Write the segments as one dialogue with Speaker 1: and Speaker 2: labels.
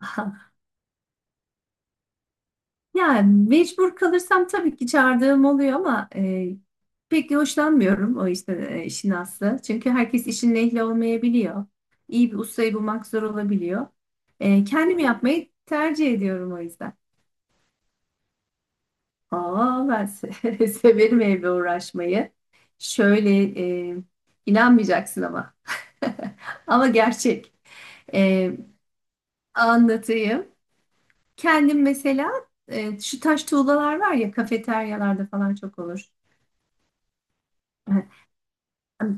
Speaker 1: Aha. Yani mecbur kalırsam tabii ki çağırdığım oluyor ama pek hoşlanmıyorum o işte işin aslı. Çünkü herkes işin ehli olmayabiliyor. İyi bir ustayı bulmak zor olabiliyor. Kendim yapmayı tercih ediyorum o yüzden. Aa, severim evle uğraşmayı. Şöyle e, inanmayacaksın ama. Ama gerçek. E, Anlatayım. Kendim mesela şu taş tuğlalar var ya kafeteryalarda falan çok olur.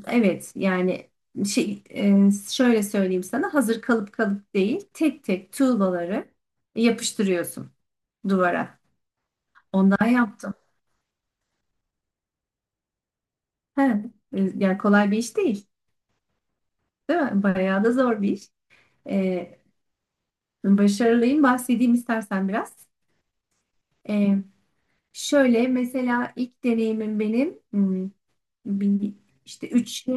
Speaker 1: Evet yani şöyle söyleyeyim sana hazır kalıp kalıp değil tek tek tuğlaları yapıştırıyorsun duvara. Ondan yaptım. He, yani kolay bir iş değil, değil mi? Bayağı da zor bir iş. E, Başarılıyım. Bahsedeyim istersen biraz. E, Şöyle mesela ilk deneyimim benim bir, işte 3.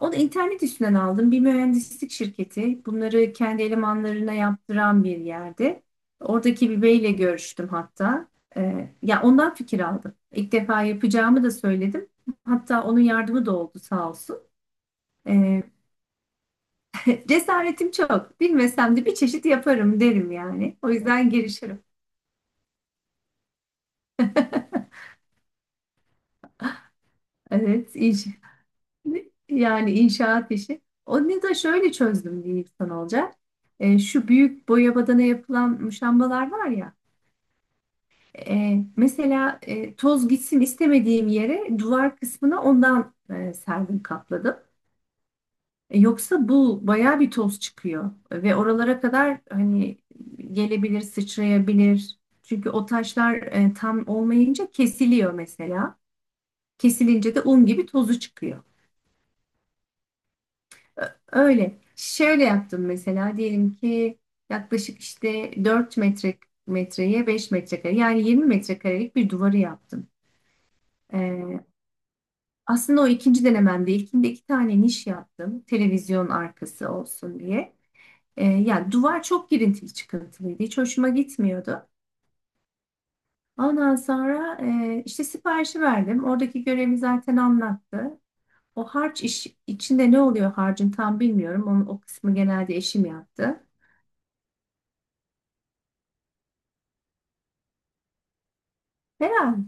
Speaker 1: Onu internet üstünden aldım. Bir mühendislik şirketi. Bunları kendi elemanlarına yaptıran bir yerde. Oradaki bir beyle görüştüm hatta. Ya ondan fikir aldım. İlk defa yapacağımı da söyledim. Hatta onun yardımı da oldu sağ olsun. Ee, Cesaretim çok. Bilmesem de bir çeşit yaparım derim yani. O yüzden girişirim. Evet, yani inşaat işi. Onu da şöyle çözdüm diyeyim sana olacak. Şu büyük boya badana yapılan muşambalar var ya. Mesela toz gitsin istemediğim yere duvar kısmına ondan serdim kapladım. Yoksa bu bayağı bir toz çıkıyor ve oralara kadar hani gelebilir, sıçrayabilir. Çünkü o taşlar tam olmayınca kesiliyor mesela. Kesilince de un gibi tozu çıkıyor. Öyle. Şöyle yaptım mesela diyelim ki yaklaşık işte 4 metre metreye 5 metrekare, yani 20 metrekarelik bir duvarı yaptım. Ee, Aslında o ikinci denememde, ilkinde iki tane niş yaptım. Televizyon arkası olsun diye. Yani duvar çok girintili çıkıntılıydı. Hiç hoşuma gitmiyordu. Ondan sonra işte siparişi verdim. Oradaki görevi zaten anlattı. O harç iş, içinde ne oluyor harcın tam bilmiyorum. Onun, o kısmı genelde eşim yaptı. Herhalde.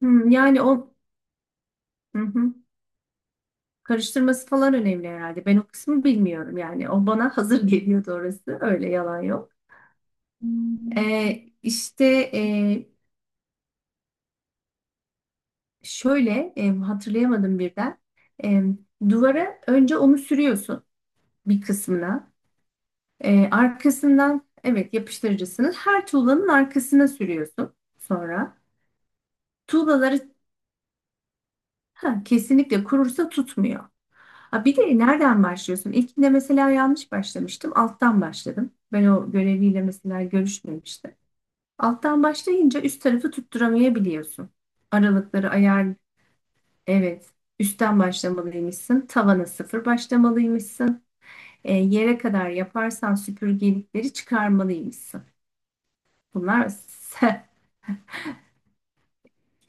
Speaker 1: Hmm, yani o, hı hı. Karıştırması falan önemli herhalde. Ben o kısmı bilmiyorum yani. O bana hazır geliyordu orası. Öyle yalan yok. İşte e, şöyle hatırlayamadım birden. Em, Duvara önce onu sürüyorsun bir kısmına. Arkasından, evet, yapıştırıcısını her tuğlanın arkasına sürüyorsun sonra. Tuğlaları, ha, kesinlikle kurursa tutmuyor. Ha, bir de nereden başlıyorsun? İlkinde mesela yanlış başlamıştım. Alttan başladım. Ben o göreviyle mesela görüşmemiştim. Alttan başlayınca üst tarafı tutturamayabiliyorsun. Aralıkları. Evet. Üstten başlamalıymışsın. Tavana sıfır başlamalıymışsın. Yere kadar yaparsan süpürgelikleri çıkarmalıymışsın. Bunlar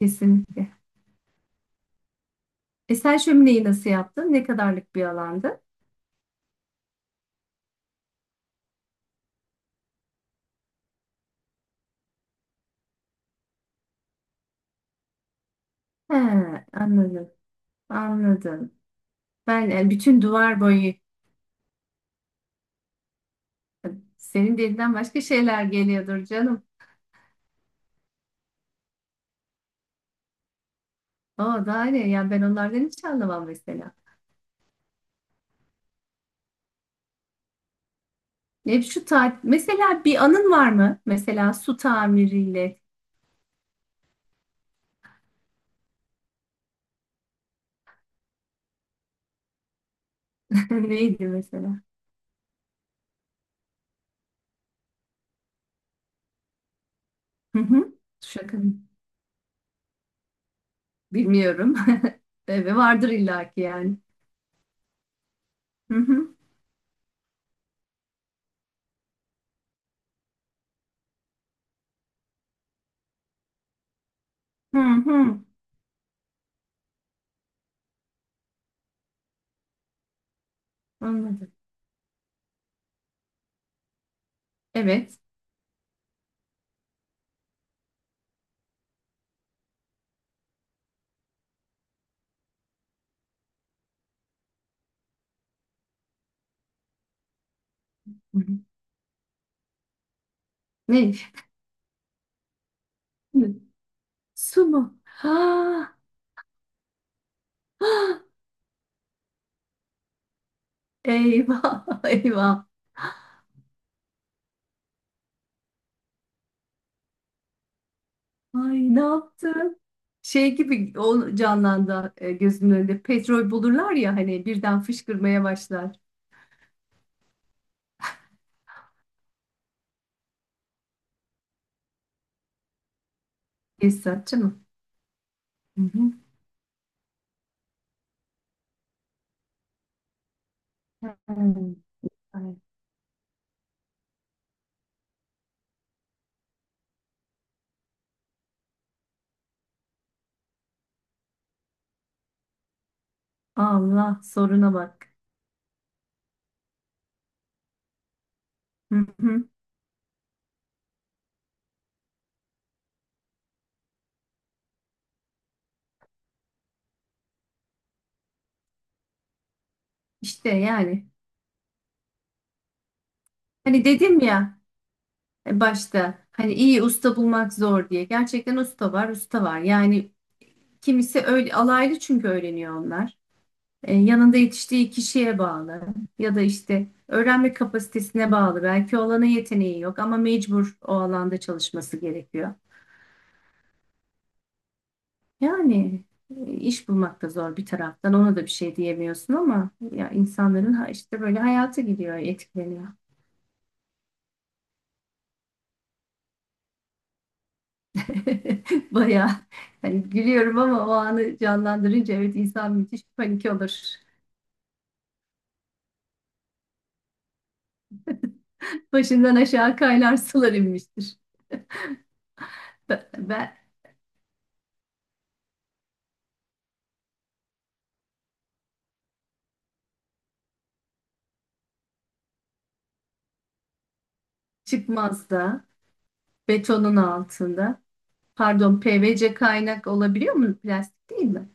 Speaker 1: kesinlikle. Sen şömineyi nasıl yaptın? Ne kadarlık bir alandı? He, anladım. Anladım. Ben yani bütün duvar boyu. Senin dilinden başka şeyler geliyordur canım. O daha ne? Yani ben onlardan hiç anlamam mesela. Ne şu ta mesela, bir anın var mı? Mesela su tamiriyle neydi mesela? Hı hı. Şaka mı? Bilmiyorum. Bebe vardır illaki yani. Hı hı. Hı hı. Anladım. Evet. Hı hı. Ne? Su mu? Ha. Ha. Eyvah. Eyvah. Ay, ne yaptım? Şey gibi o canlandı gözümün önünde. Petrol bulurlar ya hani, birden fışkırmaya başlar. Tesisatçı mı? Hı hı. Hmm. Ay. Allah soruna bak. Hı hı. İşte yani. Hani dedim ya. Başta hani iyi usta bulmak zor diye. Gerçekten usta var, usta var. Yani kimisi öyle alaylı, çünkü öğreniyor onlar. Yanında yetiştiği kişiye bağlı ya da işte öğrenme kapasitesine bağlı. Belki o alana yeteneği yok ama mecbur o alanda çalışması gerekiyor. Yani iş bulmak da zor bir taraftan. Ona da bir şey diyemiyorsun ama ya insanların işte böyle hayatı gidiyor, etkileniyor. Bayağı, hani gülüyorum ama o anı canlandırınca, evet, insan müthiş panik olur. Başından aşağı kaynar sular inmiştir. Ben çıkmaz da betonun altında. Pardon, PVC kaynak olabiliyor mu? Plastik değil mi?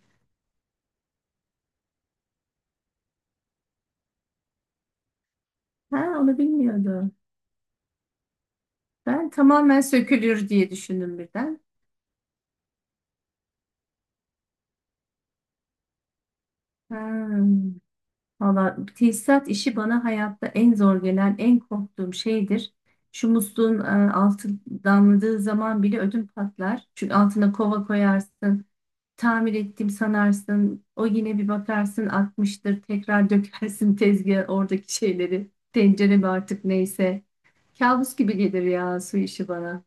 Speaker 1: Ha, onu bilmiyordum. Ben tamamen sökülür diye düşündüm birden. Ha. Valla, tesisat işi bana hayatta en zor gelen, en korktuğum şeydir. Şu musluğun altı damladığı zaman bile ödüm patlar. Çünkü altına kova koyarsın, tamir ettim sanarsın. O yine bir bakarsın atmıştır, tekrar dökersin tezgah oradaki şeyleri. Tencere mi artık, neyse. Kabus gibi gelir ya su işi bana.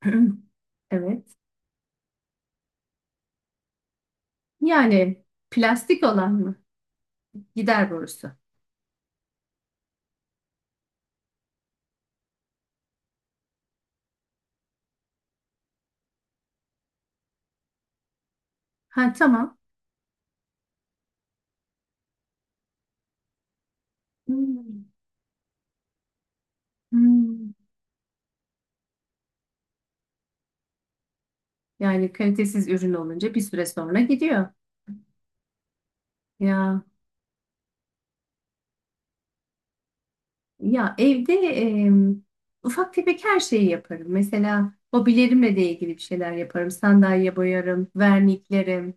Speaker 1: Evet. Yani plastik olan mı? Gider borusu. Ha, tamam. Hmm. Hmm. Yani kalitesiz ürün olunca bir süre sonra gidiyor. Ya ya evde e, ufak tefek her şeyi yaparım. Mesela hobilerimle de ilgili bir şeyler yaparım. Sandalye boyarım, verniklerim,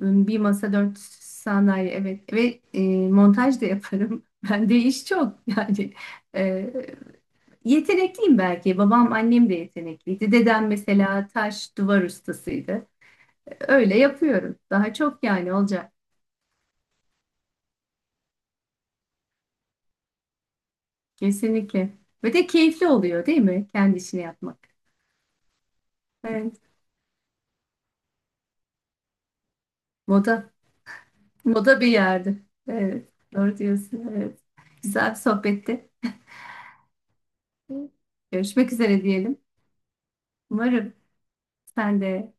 Speaker 1: bir masa dört sandalye, evet, ve montaj da yaparım. Bende iş çok yani e, yetenekliyim belki. Babam annem de yetenekliydi. Dedem mesela taş duvar ustasıydı. Öyle yapıyorum. Daha çok yani olacak. Kesinlikle. Ve de keyifli oluyor değil mi? Kendi işini yapmak. Evet. Moda. Moda bir yerde. Evet. Doğru diyorsun. Evet. Güzel bir sohbetti. Görüşmek üzere diyelim. Umarım sen de